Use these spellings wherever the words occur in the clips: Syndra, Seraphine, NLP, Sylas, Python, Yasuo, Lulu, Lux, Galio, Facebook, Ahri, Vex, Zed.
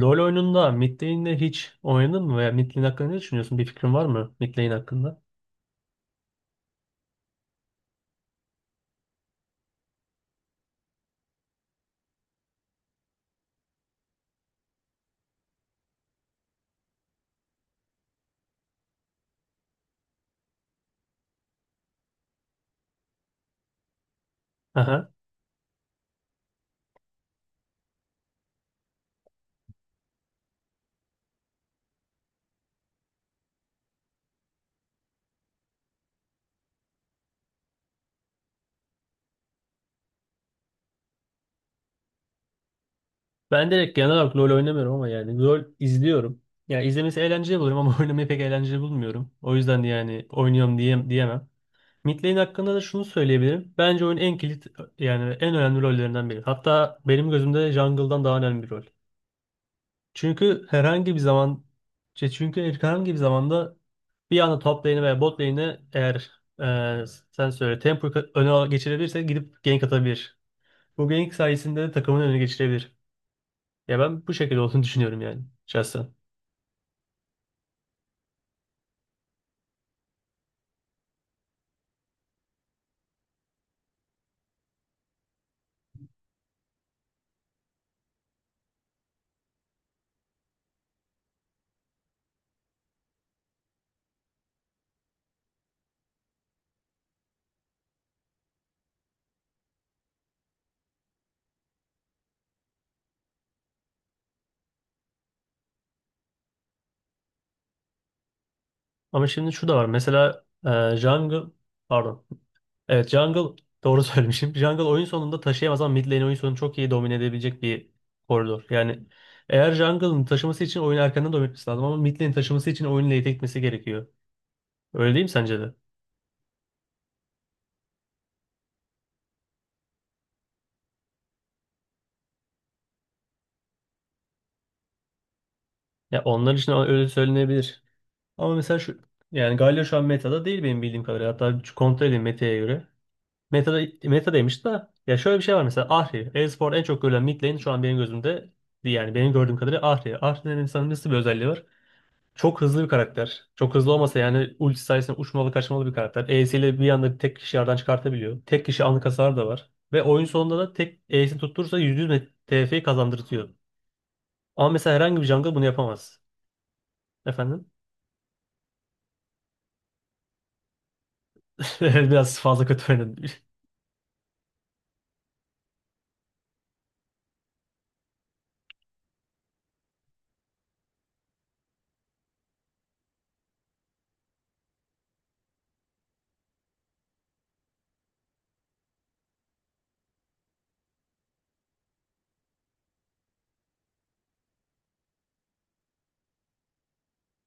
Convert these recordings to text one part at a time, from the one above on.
LoL oyununda mid lane'le hiç oynadın mı veya mid lane hakkında ne düşünüyorsun? Bir fikrin var mı mid lane hakkında? Aha. Ben direkt genel olarak LoL oynamıyorum ama yani LoL izliyorum. Ya izlemesi eğlenceli buluyorum ama oynamayı pek eğlenceli bulmuyorum. O yüzden de yani oynuyorum diyemem. Mid lane hakkında da şunu söyleyebilirim. Bence oyunun en kilit yani en önemli rollerinden biri. Hatta benim gözümde jungle'dan daha önemli bir rol. Çünkü herhangi bir zaman çünkü herhangi bir zamanda bir anda top lane'e veya bot lane'e eğer e, sen söyle tempo öne geçirebilirse gidip gank atabilir. Bu gank sayesinde de takımın öne geçirebilir. Ya ben bu şekilde olduğunu düşünüyorum yani şahsen. Ama şimdi şu da var. Mesela jungle, pardon. Evet, jungle doğru söylemişim. Jungle oyun sonunda taşıyamaz ama mid lane oyun sonunu çok iyi domine edebilecek bir koridor. Yani eğer jungle'ın taşıması için oyunu erkenden domine etmesi lazım ama mid lane taşıması için oyunu late etmesi gerekiyor. Öyle değil mi sence de? Ya onlar için öyle söylenebilir. Ama mesela şu yani Galio şu an meta'da değil benim bildiğim kadarıyla. Hatta şu kontrol edeyim meta'ya göre. Meta'da meta'daymış da ya şöyle bir şey var mesela Ahri. Elsport en çok görülen mid lane şu an benim gözümde yani benim gördüğüm kadarıyla Ahri. Ahri'nin insanın nasıl bir özelliği var? Çok hızlı bir karakter. Çok hızlı olmasa yani ulti sayesinde uçmalı kaçmalı bir karakter. E'siyle bir anda tek kişi yardan çıkartabiliyor. Tek kişi anlık hasar da var. Ve oyun sonunda da tek E'sini tutturursa %100 TF'yi kazandırtıyor. Ama mesela herhangi bir jungle bunu yapamaz. Efendim? Biraz fazla kötü oynadım.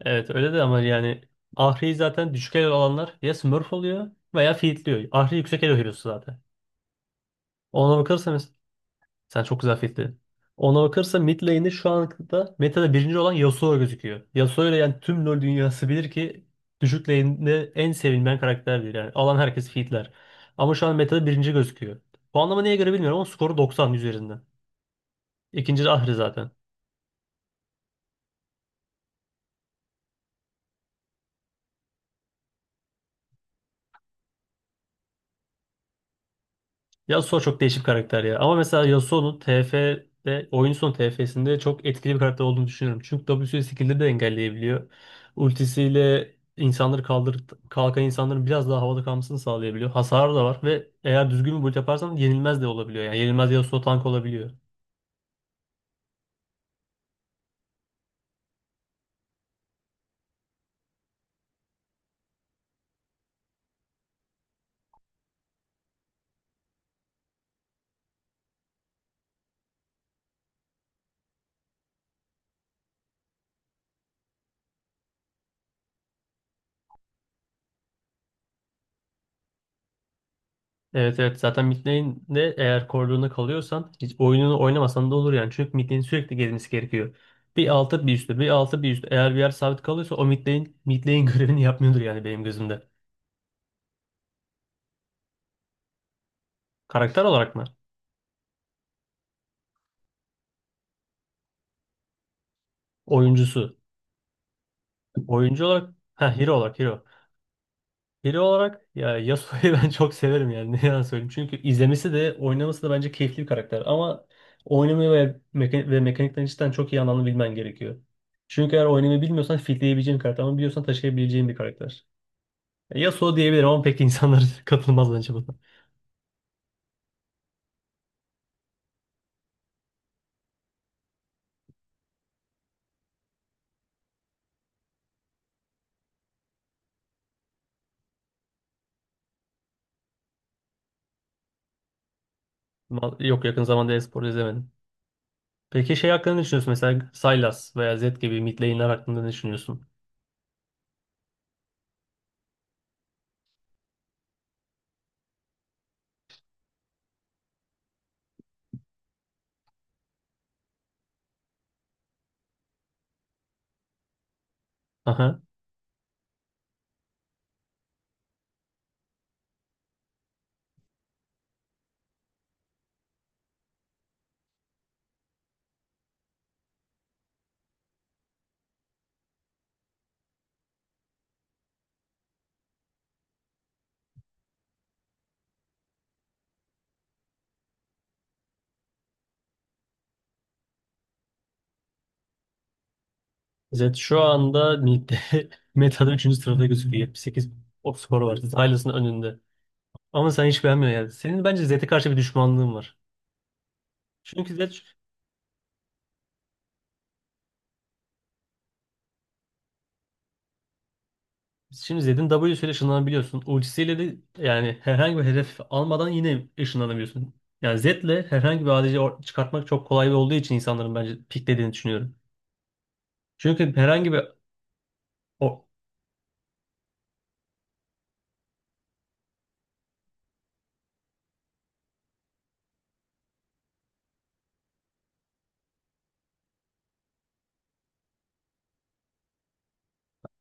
Evet öyle de ama yani Ahri'yi zaten düşük elo olanlar ya Smurf oluyor veya feedliyor. Ahri yüksek elo hero'su zaten. Ona bakırsa mes- Sen çok güzel feedledin. Ona bakırsa mid lane'de şu anda metada birinci olan Yasuo gözüküyor. Yasuo ile yani tüm LoL dünyası bilir ki düşük lane'de en sevilmeyen karakterdir. Yani alan herkes feedler. Ama şu an metada birinci gözüküyor. Puanlama neye göre bilmiyorum ama skoru 90 üzerinden. İkinci de Ahri zaten. Yasuo çok değişik bir karakter ya. Ama mesela Yasuo'nun oyun son TF'sinde çok etkili bir karakter olduğunu düşünüyorum. Çünkü W'si skill'de de engelleyebiliyor. Ultisiyle insanları kaldır kalkan insanların biraz daha havada kalmasını sağlayabiliyor. Hasarı da var ve eğer düzgün bir build yaparsan yenilmez de olabiliyor. Yani yenilmez Yasuo tank olabiliyor. Evet, evet, zaten mid lane'de eğer koridoruna kalıyorsan hiç oyununu oynamasan da olur yani. Çünkü mid lane'in sürekli gelmesi gerekiyor. Bir altı bir üstü, bir altı bir üstü. Eğer bir yer sabit kalıyorsa o mid lane, mid lane görevini yapmıyordur yani benim gözümde. Karakter olarak mı? Oyuncusu. Oyuncu olarak, ha, hero olarak hero. Hero olarak ya Yasuo'yu ben çok severim yani ne yalan söyleyeyim. Çünkü izlemesi de oynaması da bence keyifli bir karakter. Ama oynamayı ve mekanikten cidden çok iyi anlamını bilmen gerekiyor. Çünkü eğer oynamayı bilmiyorsan fitleyebileceğin karakter ama biliyorsan taşıyabileceğin bir karakter. Yasuo diyebilirim ama pek insanlar katılmaz bence buna. Yok, yakın zamanda e-spor izlemedim. Peki şey hakkında ne düşünüyorsun mesela Sylas veya Zed gibi mid lane'ler hakkında ne düşünüyorsun? Zed şu anda ligde, meta'da üçüncü sırada gözüküyor. 78 o skor var. Zed önünde. Ama sen hiç beğenmiyorsun yani. Senin bence Zed'e karşı bir düşmanlığın var. Çünkü şimdi Zed'in W'su ile ışınlanabiliyorsun. Ultisiyle de yani herhangi bir hedef almadan yine ışınlanabiliyorsun. Yani Zed'le herhangi bir ADC çıkartmak çok kolay olduğu için insanların bence piklediğini düşünüyorum. Çünkü herhangi bir o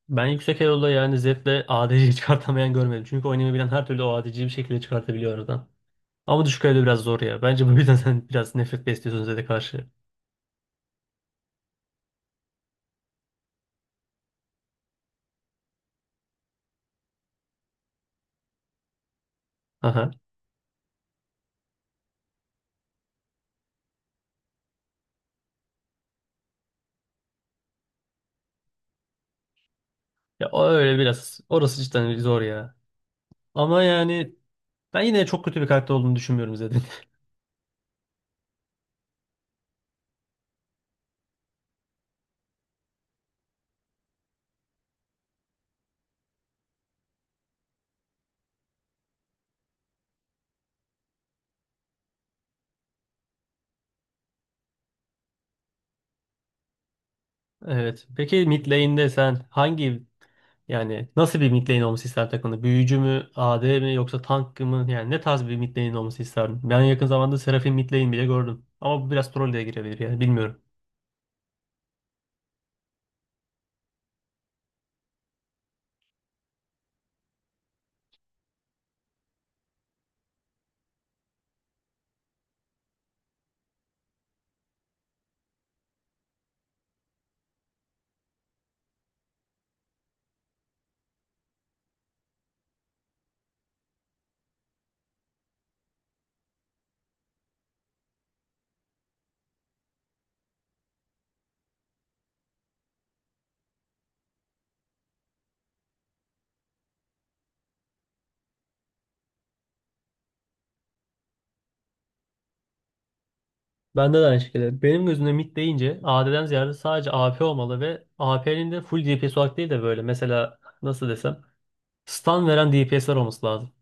Ben yüksek elo'da yani Zed'le ADC çıkartamayan görmedim. Çünkü oynayabilen her türlü o ADC'yi bir şekilde çıkartabiliyor. Ama düşük kaloride biraz zor ya. Bence bu yüzden sen biraz nefret besliyorsun Zed'e karşı. Aha. Ya o öyle biraz. Orası cidden zor ya. Ama yani ben yine çok kötü bir karakter olduğunu düşünmüyorum Zed'in. Evet. Peki mid lane'de sen hangi yani nasıl bir mid lane olması isterdin takımda? Büyücü mü, AD mi yoksa tank mı? Yani ne tarz bir mid lane olması isterdin? Ben yakın zamanda Seraphine mid lane bile gördüm. Ama bu biraz troll de girebilir yani bilmiyorum. Bende de aynı şekilde. Benim gözümde mid deyince AD'den ziyade sadece AP olmalı ve AP'nin de full DPS olarak değil de böyle mesela nasıl desem stun veren DPS'ler olması lazım.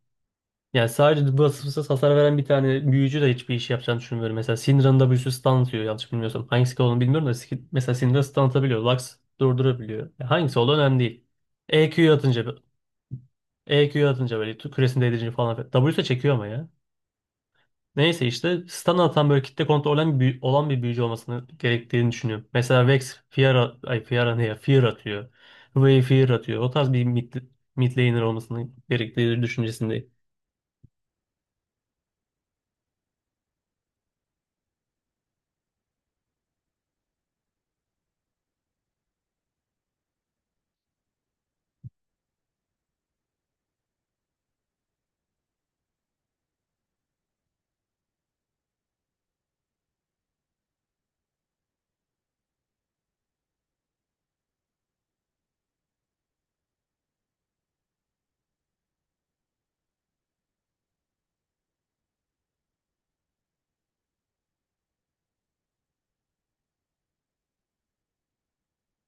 Yani sadece basımsız hasar veren bir tane büyücü de hiçbir iş yapacağını düşünmüyorum. Mesela Syndra'nın da bir sürü stun atıyor yanlış bilmiyorsam. Hangisi ki olduğunu bilmiyorum da mesela Syndra stun atabiliyor. Lux durdurabiliyor. Yani hangisi olduğu önemli değil. EQ atınca EQ atınca böyle küresini değdirince falan. W'de çekiyor ama ya. Neyse işte stun atan böyle kitle kontrolü olan bir büyücü olmasını gerektiğini düşünüyorum. Mesela Vex Fear, ay Fear ne ya? Fear atıyor. Huey Fear atıyor. O tarz bir mid laner olmasını gerektiği düşüncesindeyim.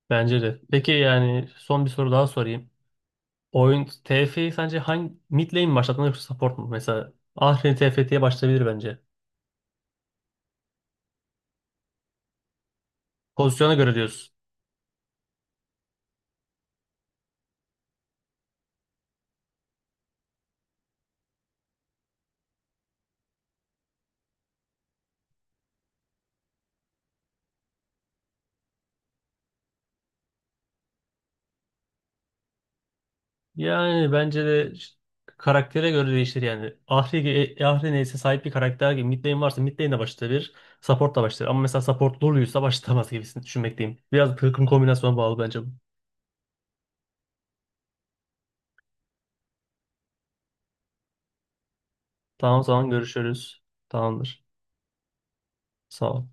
Bence de. Peki yani son bir soru daha sorayım. Oyun TF'yi sence hangi mid lane mi başlatmalı yoksa support mu? Mesela Ahri TFT'ye başlayabilir bence. Pozisyona göre diyorsun. Yani bence de karaktere göre değişir yani. Ahri neyse sahip bir karakter gibi. Mid varsa mid lane de başlayabilir. Support da başlar. Ama mesela support Lulu'ysa başlamaz gibisini düşünmekteyim. Biraz takım kombinasyona bağlı bence bu. Tamam o zaman görüşürüz. Tamamdır. Sağ ol.